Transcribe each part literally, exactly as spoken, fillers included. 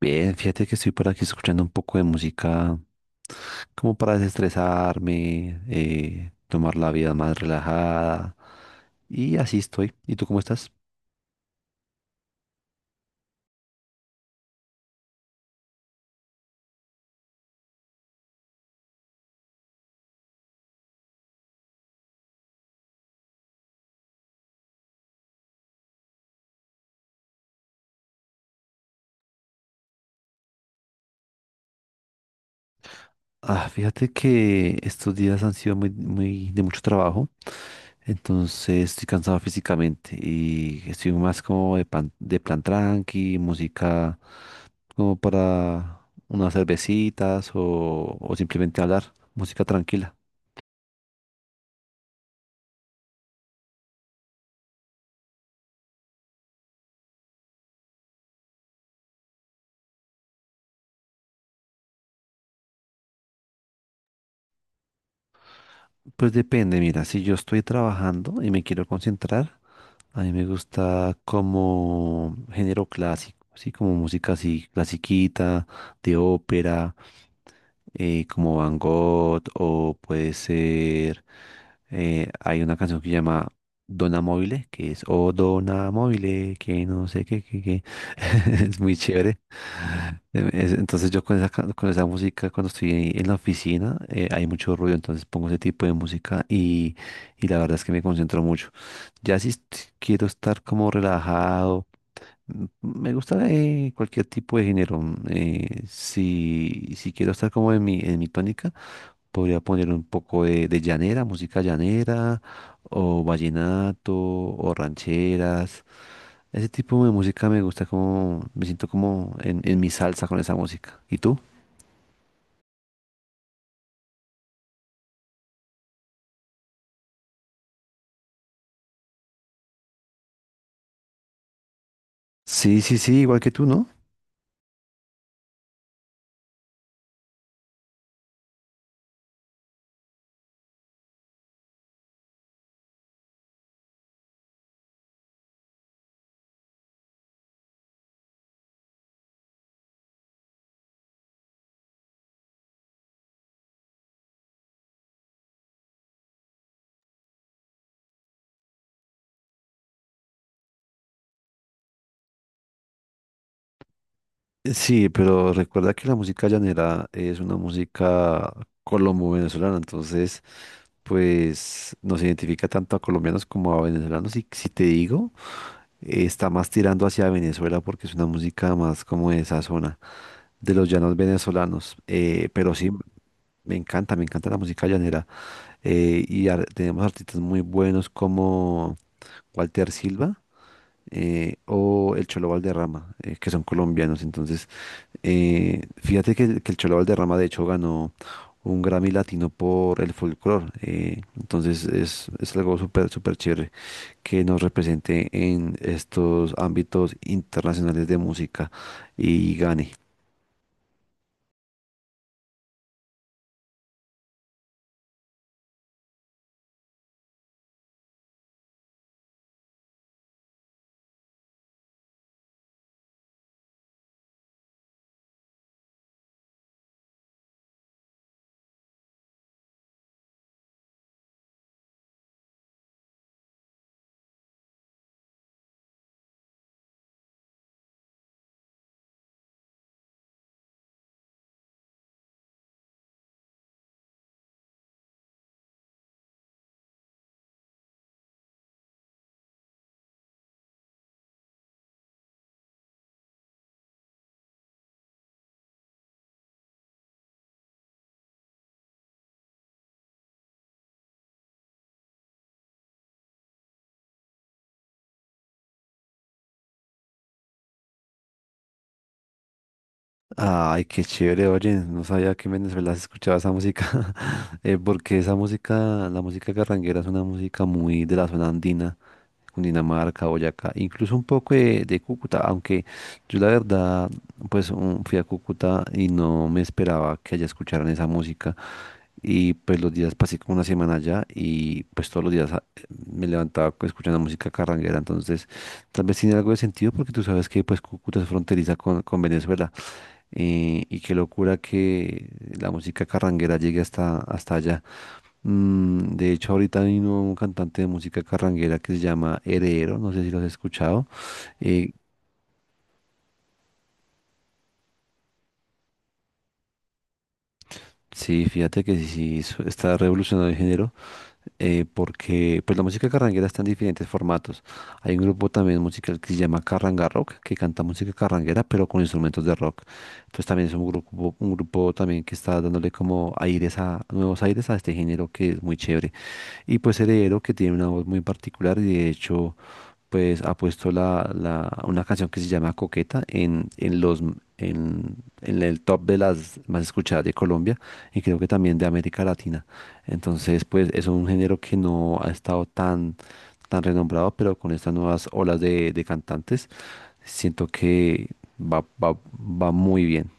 Bien, fíjate que estoy por aquí escuchando un poco de música como para desestresarme, eh, tomar la vida más relajada y así estoy. ¿Y tú cómo estás? Ah, fíjate que estos días han sido muy, muy de mucho trabajo, entonces estoy cansado físicamente y estoy más como de plan, de plan tranqui, música como para unas cervecitas o, o simplemente hablar, música tranquila. Pues depende, mira, si yo estoy trabajando y me quiero concentrar, a mí me gusta como género clásico, sí, como música así, clasiquita, de ópera, eh, como Van Gogh o puede ser, eh, hay una canción que se llama Dona Mobile, que es O Dona Mobile, que no sé qué, qué, qué. Es muy chévere. Em, es- Entonces yo con esa, ca- con esa música cuando estoy en la oficina, eh, hay mucho ruido, entonces pongo ese tipo de música y, y la verdad es que me concentro mucho. Ya si est- Quiero estar como relajado. Mm, Me gusta, eh, cualquier tipo de género. mm, eh, si, si quiero estar como en mi, en mi tónica, podría poner un poco de, de llanera, música llanera, o vallenato, o rancheras. Ese tipo de música me gusta como, me siento como en, en mi salsa con esa música. ¿Y tú? Sí, sí, sí, igual que tú, ¿no? Sí, pero recuerda que la música llanera es una música colombo-venezolana, entonces pues nos identifica tanto a colombianos como a venezolanos. Y si te digo, eh, está más tirando hacia Venezuela porque es una música más como de esa zona, de los llanos venezolanos. Eh, pero sí, me encanta, me encanta la música llanera. Eh, y ar- tenemos artistas muy buenos como Walter Silva, eh, o el Cholo Valderrama, eh, que son colombianos. Entonces, eh, fíjate que, que el Cholo Valderrama, de hecho, ganó un Grammy Latino por el folclore. Eh, entonces, es, es algo súper, súper chévere que nos represente en estos ámbitos internacionales de música y gane. Ay, qué chévere, oye, no sabía que en Venezuela se escuchaba esa música. Eh, porque esa música, la música carranguera es una música muy de la zona andina, Cundinamarca, Boyacá, incluso un poco de, de Cúcuta, aunque yo la verdad, pues un- fui a Cúcuta y no me esperaba que allá escucharan esa música. Y pues los días pasé como una semana allá y pues todos los días, ah, me levantaba co- escuchando música carranguera. Entonces, tal vez tiene algo de sentido porque tú sabes que pues Cúcuta es fronteriza con, con Venezuela. Eh, y qué locura que la música carranguera llegue hasta, hasta allá. Mm, de hecho, ahorita vino un cantante de música carranguera que se llama Heredero, no sé si lo has escuchado. eh, sí, fíjate que sí, sí, su- está revolucionando el género. Eh, porque pues la música carranguera está en diferentes formatos. Hay un grupo también musical que se llama Carranga Rock, que canta música carranguera, pero con instrumentos de rock. Entonces también es un grupo, un grupo también que está dándole como aires a, nuevos aires a este género que es muy chévere. Y pues Heredero, que tiene una voz muy particular y de hecho pues ha puesto la, la- una canción que se llama Coqueta en, en los en, en el top de las más escuchadas de Colombia y creo que también de América Latina. Entonces, pues es un género que no ha estado tan, tan renombrado, pero con estas nuevas olas de, de cantantes, siento que va, va, va muy bien.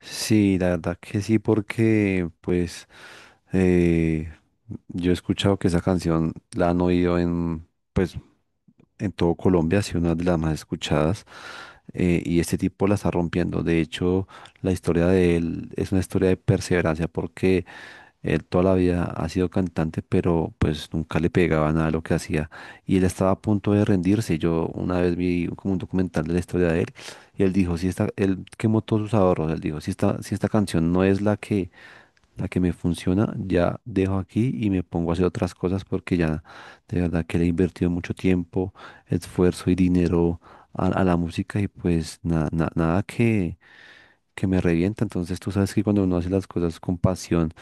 Sí, la verdad que sí, porque pues, eh, yo he escuchado que esa canción la han oído en pues en todo Colombia, sí, una de las más escuchadas. Eh, y este tipo la está rompiendo. De hecho, la historia de él es una historia de perseverancia porque él toda la vida ha sido cantante, pero pues nunca le pegaba nada a lo que hacía. Y él estaba a punto de rendirse. Yo una vez vi como un documental de la historia de él y él dijo, si esta, él quemó todos sus ahorros, él dijo, si esta, si esta canción no es la que la que me funciona, ya dejo aquí y me pongo a hacer otras cosas porque ya de verdad que le he invertido mucho tiempo, esfuerzo y dinero a, a la música y pues na- na- nada que, que me revienta. Entonces tú sabes que cuando uno hace las cosas con pasión,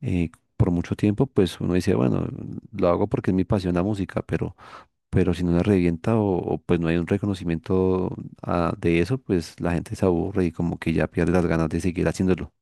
eh, por mucho tiempo, pues uno dice, bueno, lo hago porque es mi pasión la música, pero, pero si no la revienta o, o, pues no hay un reconocimiento, ah, de eso, pues la gente se aburre y como que ya pierde las ganas de seguir haciéndolo.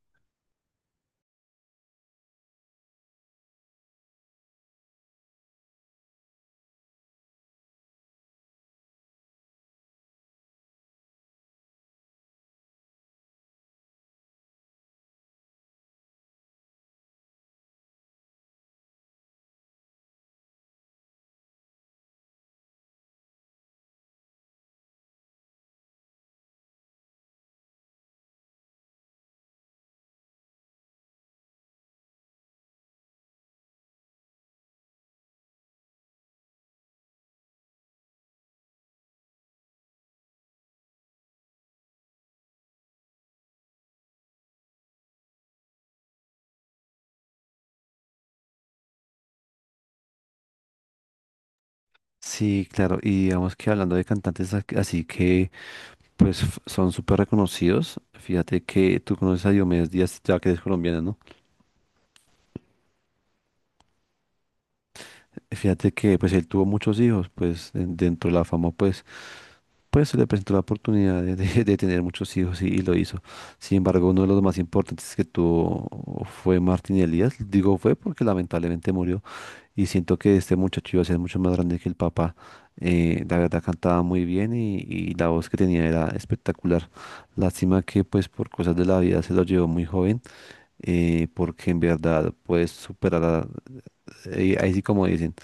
Sí, claro, y digamos que hablando de cantantes ac- así que pues f- son súper reconocidos, fíjate que tú conoces a Diomedes Díaz, ya que es colombiana, ¿no? Fíjate que pues él tuvo muchos hijos, pues en- dentro de la fama pues Pues se le presentó la oportunidad de, de- de tener muchos hijos y, y lo hizo. Sin embargo, uno de los más importantes que tuvo fue Martín Elías. Digo fue porque lamentablemente murió. Y siento que este muchacho iba a ser mucho más grande que el papá. Eh, la verdad cantaba muy bien y, y la voz que tenía era espectacular. Lástima que pues por cosas de la vida se lo llevó muy joven, eh, porque en verdad puedes superar, a- eh, ahí sí como dicen.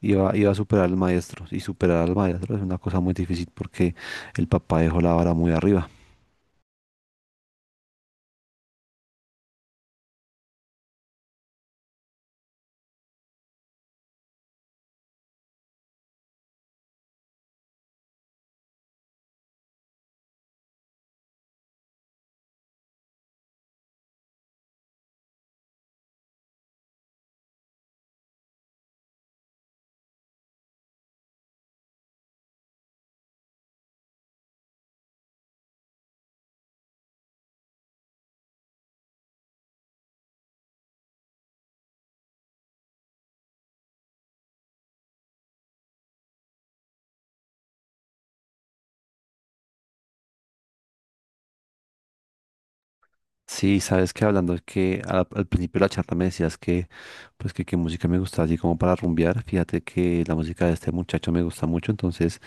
Iba, iba a superar al maestro. Y superar al maestro es una cosa muy difícil porque el papá dejó la vara muy arriba. Sí, sabes que hablando es que al, al principio de la charla me decías que pues que qué música me gusta así como para rumbear. Fíjate que la música de este muchacho me gusta mucho. Entonces,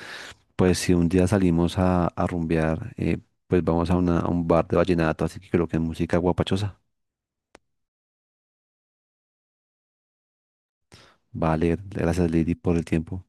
pues si un día salimos a, a rumbear, eh, pues vamos a, una, a un bar de vallenato. Así que creo que es música guapachosa. Vale, gracias Lady por el tiempo.